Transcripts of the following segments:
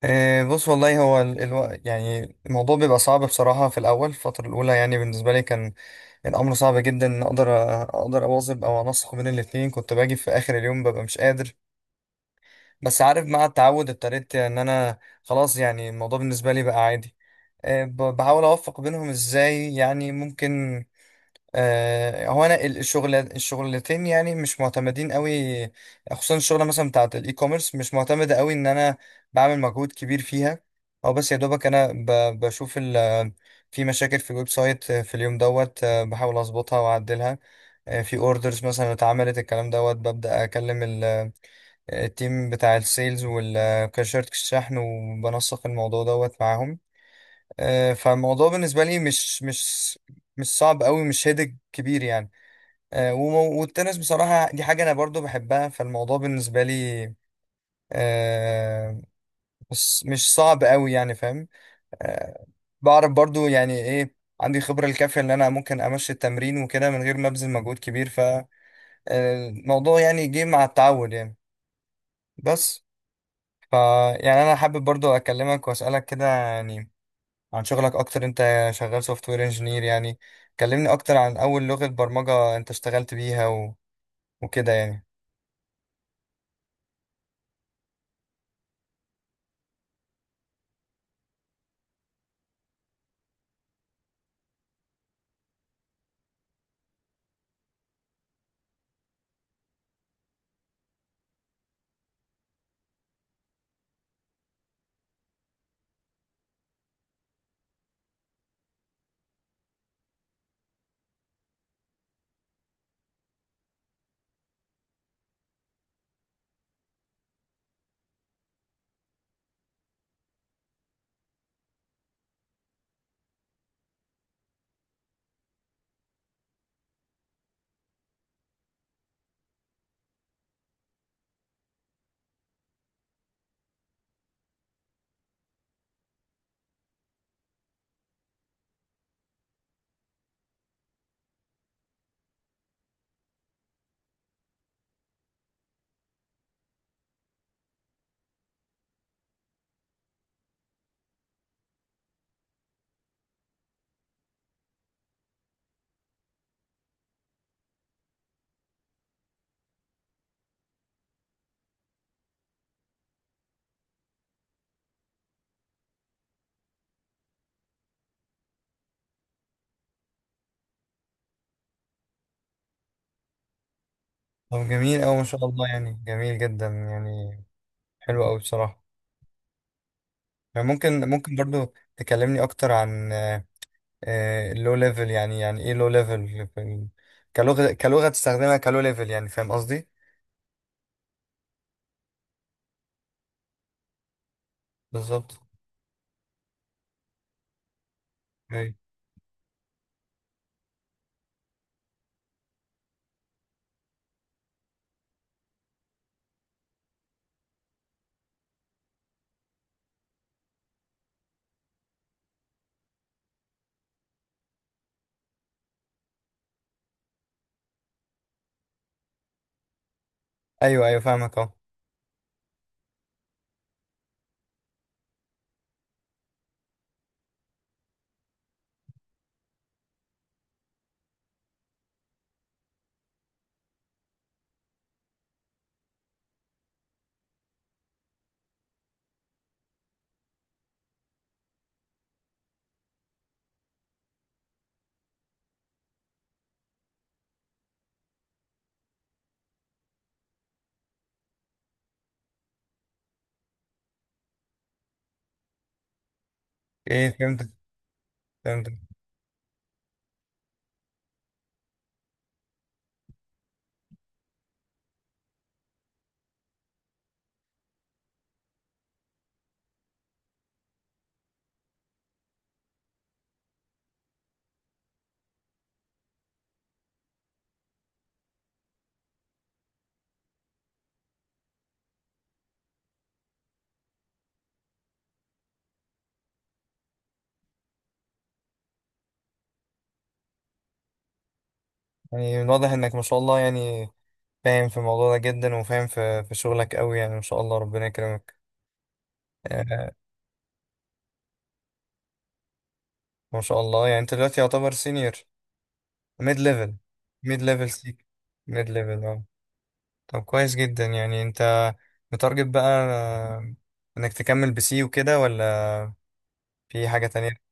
إيه، بص والله هو يعني الموضوع بيبقى صعب بصراحة في الأول، الفترة الأولى يعني بالنسبة لي كان الأمر صعب جدا إن أقدر أواظب أو أنسق بين الاتنين. كنت باجي في آخر اليوم ببقى مش قادر. بس عارف مع التعود ابتديت إن أنا خلاص، يعني الموضوع بالنسبة لي بقى عادي. إيه، بحاول أوفق بينهم إزاي يعني ممكن. هو انا الشغل الشغلتين يعني مش معتمدين قوي. خصوصا الشغله مثلا بتاعه الاي كوميرس مش معتمده قوي ان انا بعمل مجهود كبير فيها. او بس يا دوبك انا بشوف ال في مشاكل في الويب سايت في اليوم دوت، بحاول اظبطها واعدلها. في اوردرز مثلا اتعملت الكلام دوت، ببدا اكلم التيم بتاع السيلز والكاشيرت الشحن، وبنسق الموضوع دوت معاهم. فالموضوع بالنسبه لي مش مش صعب قوي، مش هيدك كبير يعني. والتنس بصراحة دي حاجة أنا برضو بحبها. فالموضوع بالنسبة لي آه، مش صعب قوي يعني، فاهم. آه، بعرف برضو يعني إيه. عندي خبرة الكافية إن أنا ممكن أمشي التمرين وكده من غير ما أبذل مجهود كبير. فالموضوع يعني جه مع التعود يعني. بس ف يعني أنا حابب برضو أكلمك وأسألك كده يعني عن شغلك أكتر. أنت شغال سوفت وير انجينير، يعني كلمني أكتر عن أول لغة برمجة أنت اشتغلت بيها وكده يعني. طب جميل أوي، ما شاء الله، يعني جميل جدا يعني. حلو أوي بصراحة. يعني ممكن برضو تكلمني أكتر عن اللو ليفل، يعني يعني إيه لو ليفل، كلغة، كلغة تستخدمها كلو ليفل، يعني فاهم قصدي؟ بالظبط. أيوه. أيوه فاهمك أهو. إيه، فهمتك. يعني من واضح إنك ما شاء الله يعني فاهم في الموضوع ده جدا، وفاهم في شغلك أوي يعني، ما شاء الله ربنا يكرمك. آه، ما شاء الله، يعني أنت دلوقتي يعتبر سينيور، ميد ليفل. ميد ليفل سيك. ميد ليفل، أه. طب كويس جدا، يعني انت متارجت بقى، انك تكمل بسي وكده ولا في حاجة تانية؟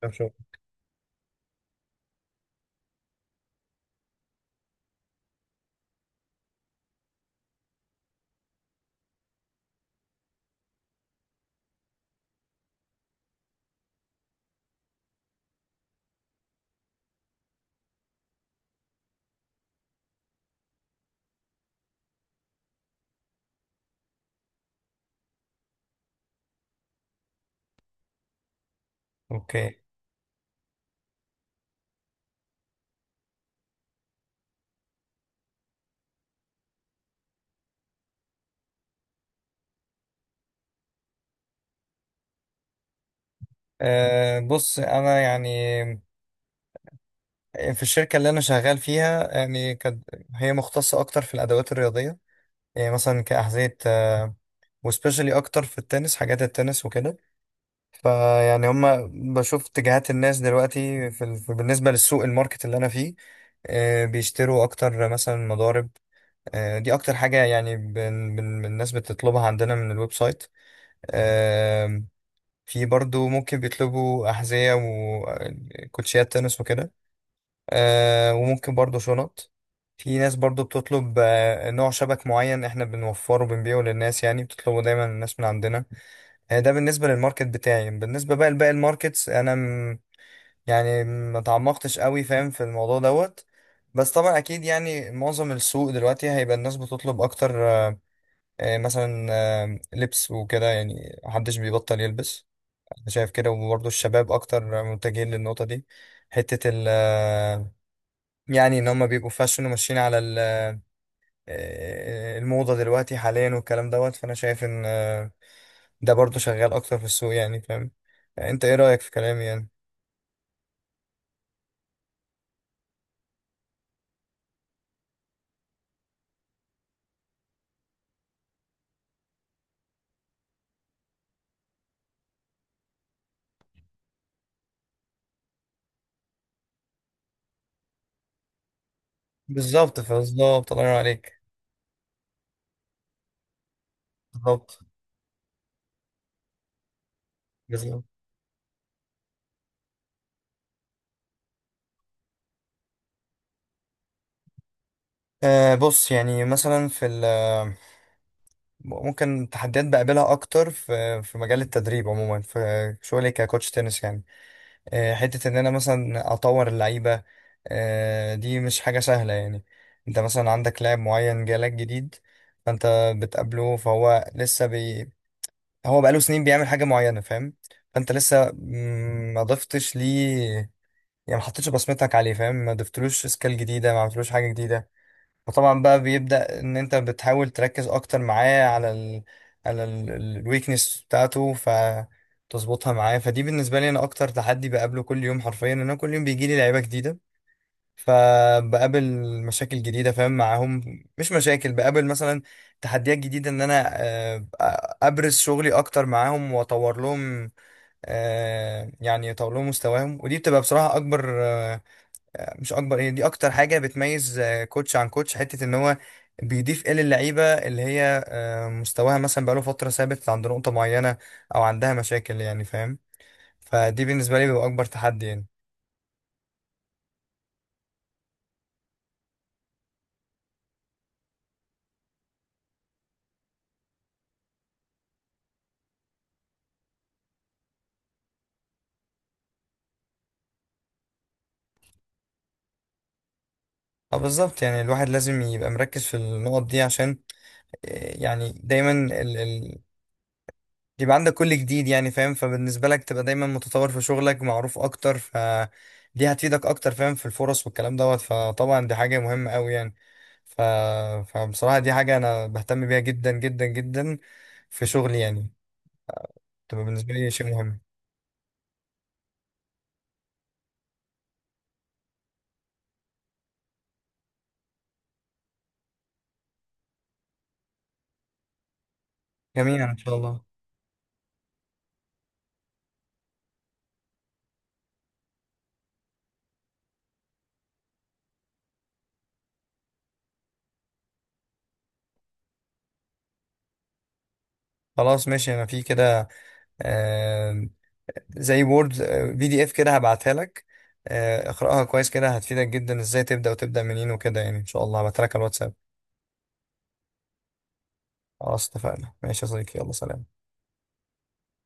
طب شو. اوكي. أه بص انا يعني في الشركة اللي انا شغال فيها، يعني كانت هي مختصة اكتر في الادوات الرياضية. يعني مثلا كأحذية، وسبيشالي اكتر في التنس، حاجات التنس وكده. فيعني هما بشوف اتجاهات الناس دلوقتي في بالنسبة للسوق، الماركت اللي انا فيه. بيشتروا اكتر مثلا مضارب. دي اكتر حاجة يعني بن الناس بتطلبها عندنا من الويب سايت. آم، في برضو ممكن بيطلبوا أحذية وكوتشيات تنس وكده. وممكن برضو شنط. في ناس برضو بتطلب، نوع شبك معين احنا بنوفره وبنبيعه للناس، يعني بتطلبه دايما الناس من عندنا. ده بالنسبة للماركت بتاعي. بالنسبة بقى لباقي الماركتس، انا يعني ما تعمقتش قوي فاهم في الموضوع دوت. بس طبعا اكيد يعني معظم السوق دلوقتي هيبقى الناس بتطلب اكتر، مثلا لبس وكده، يعني محدش بيبطل يلبس. انا شايف كده. وبرضه الشباب اكتر متجهين للنقطة دي، حتة ال يعني ان هم بيبقوا فاشن وماشيين على الموضة دلوقتي حاليا والكلام دوت. فانا شايف ان ده برضه شغال اكتر في السوق، يعني فاهم، انت ايه رأيك في كلامي يعني؟ بالظبط، بالظبط، الله ينور عليك. بالظبط، بالظبط. آه بص يعني مثلا في ال آه، ممكن تحديات بقابلها اكتر في مجال التدريب عموما، في شغلي ككوتش تنس يعني. حته ان انا مثلا اطور اللعيبه، دي مش حاجه سهله يعني. انت مثلا عندك لاعب معين جالك جديد، فانت بتقابله فهو لسه بي، هو بقاله سنين بيعمل حاجه معينه، فاهم. فانت لسه ما ضفتش ليه، يعني ما حطيتش بصمتك عليه، فاهم، ما ضفتلوش سكيل جديده، ما عملتلوش حاجه جديده. فطبعا بقى بيبدأ ان انت بتحاول تركز اكتر معاه على ال، على الويكنس بتاعته فتظبطها معاه. فدي بالنسبه لي انا اكتر تحدي بقابله كل يوم حرفيا، ان انا كل يوم بيجي لي لعيبه جديده فبقابل مشاكل جديده، فاهم، معاهم. مش مشاكل، بقابل مثلا تحديات جديده ان انا ابرز شغلي اكتر معاهم واطور لهم، يعني اطور لهم مستواهم. ودي بتبقى بصراحه اكبر، مش اكبر، هي دي اكتر حاجه بتميز كوتش عن كوتش، حته ان هو بيضيف ايه للعيبه اللي هي مستواها مثلا بقاله فتره ثابت عند نقطه معينه، او عندها مشاكل يعني، فاهم. فدي بالنسبه لي بيبقى اكبر تحدي يعني. اه بالظبط، يعني الواحد لازم يبقى مركز في النقط دي عشان آه، يعني دايما يبقى عندك كل جديد، يعني فاهم، فبالنسبة لك تبقى دايما متطور في شغلك، معروف اكتر، فدي هتفيدك اكتر، فاهم، في الفرص والكلام دوت. فطبعا دي حاجة مهمة قوي يعني. ف، فبصراحة دي حاجة انا بهتم بيها جدا جدا جدا في شغلي يعني، تبقى بالنسبة لي شيء مهم. جميل، ان شاء الله. خلاص ماشي، انا في كده آه، زي وورد PDF كده هبعتها لك. آه اقرأها كويس كده هتفيدك جدا، ازاي تبدأ وتبدأ منين وكده يعني. ان شاء الله هبعتها لك على الواتساب. خلاص اتفقنا، ماشي يا صديقي، يلا سلام.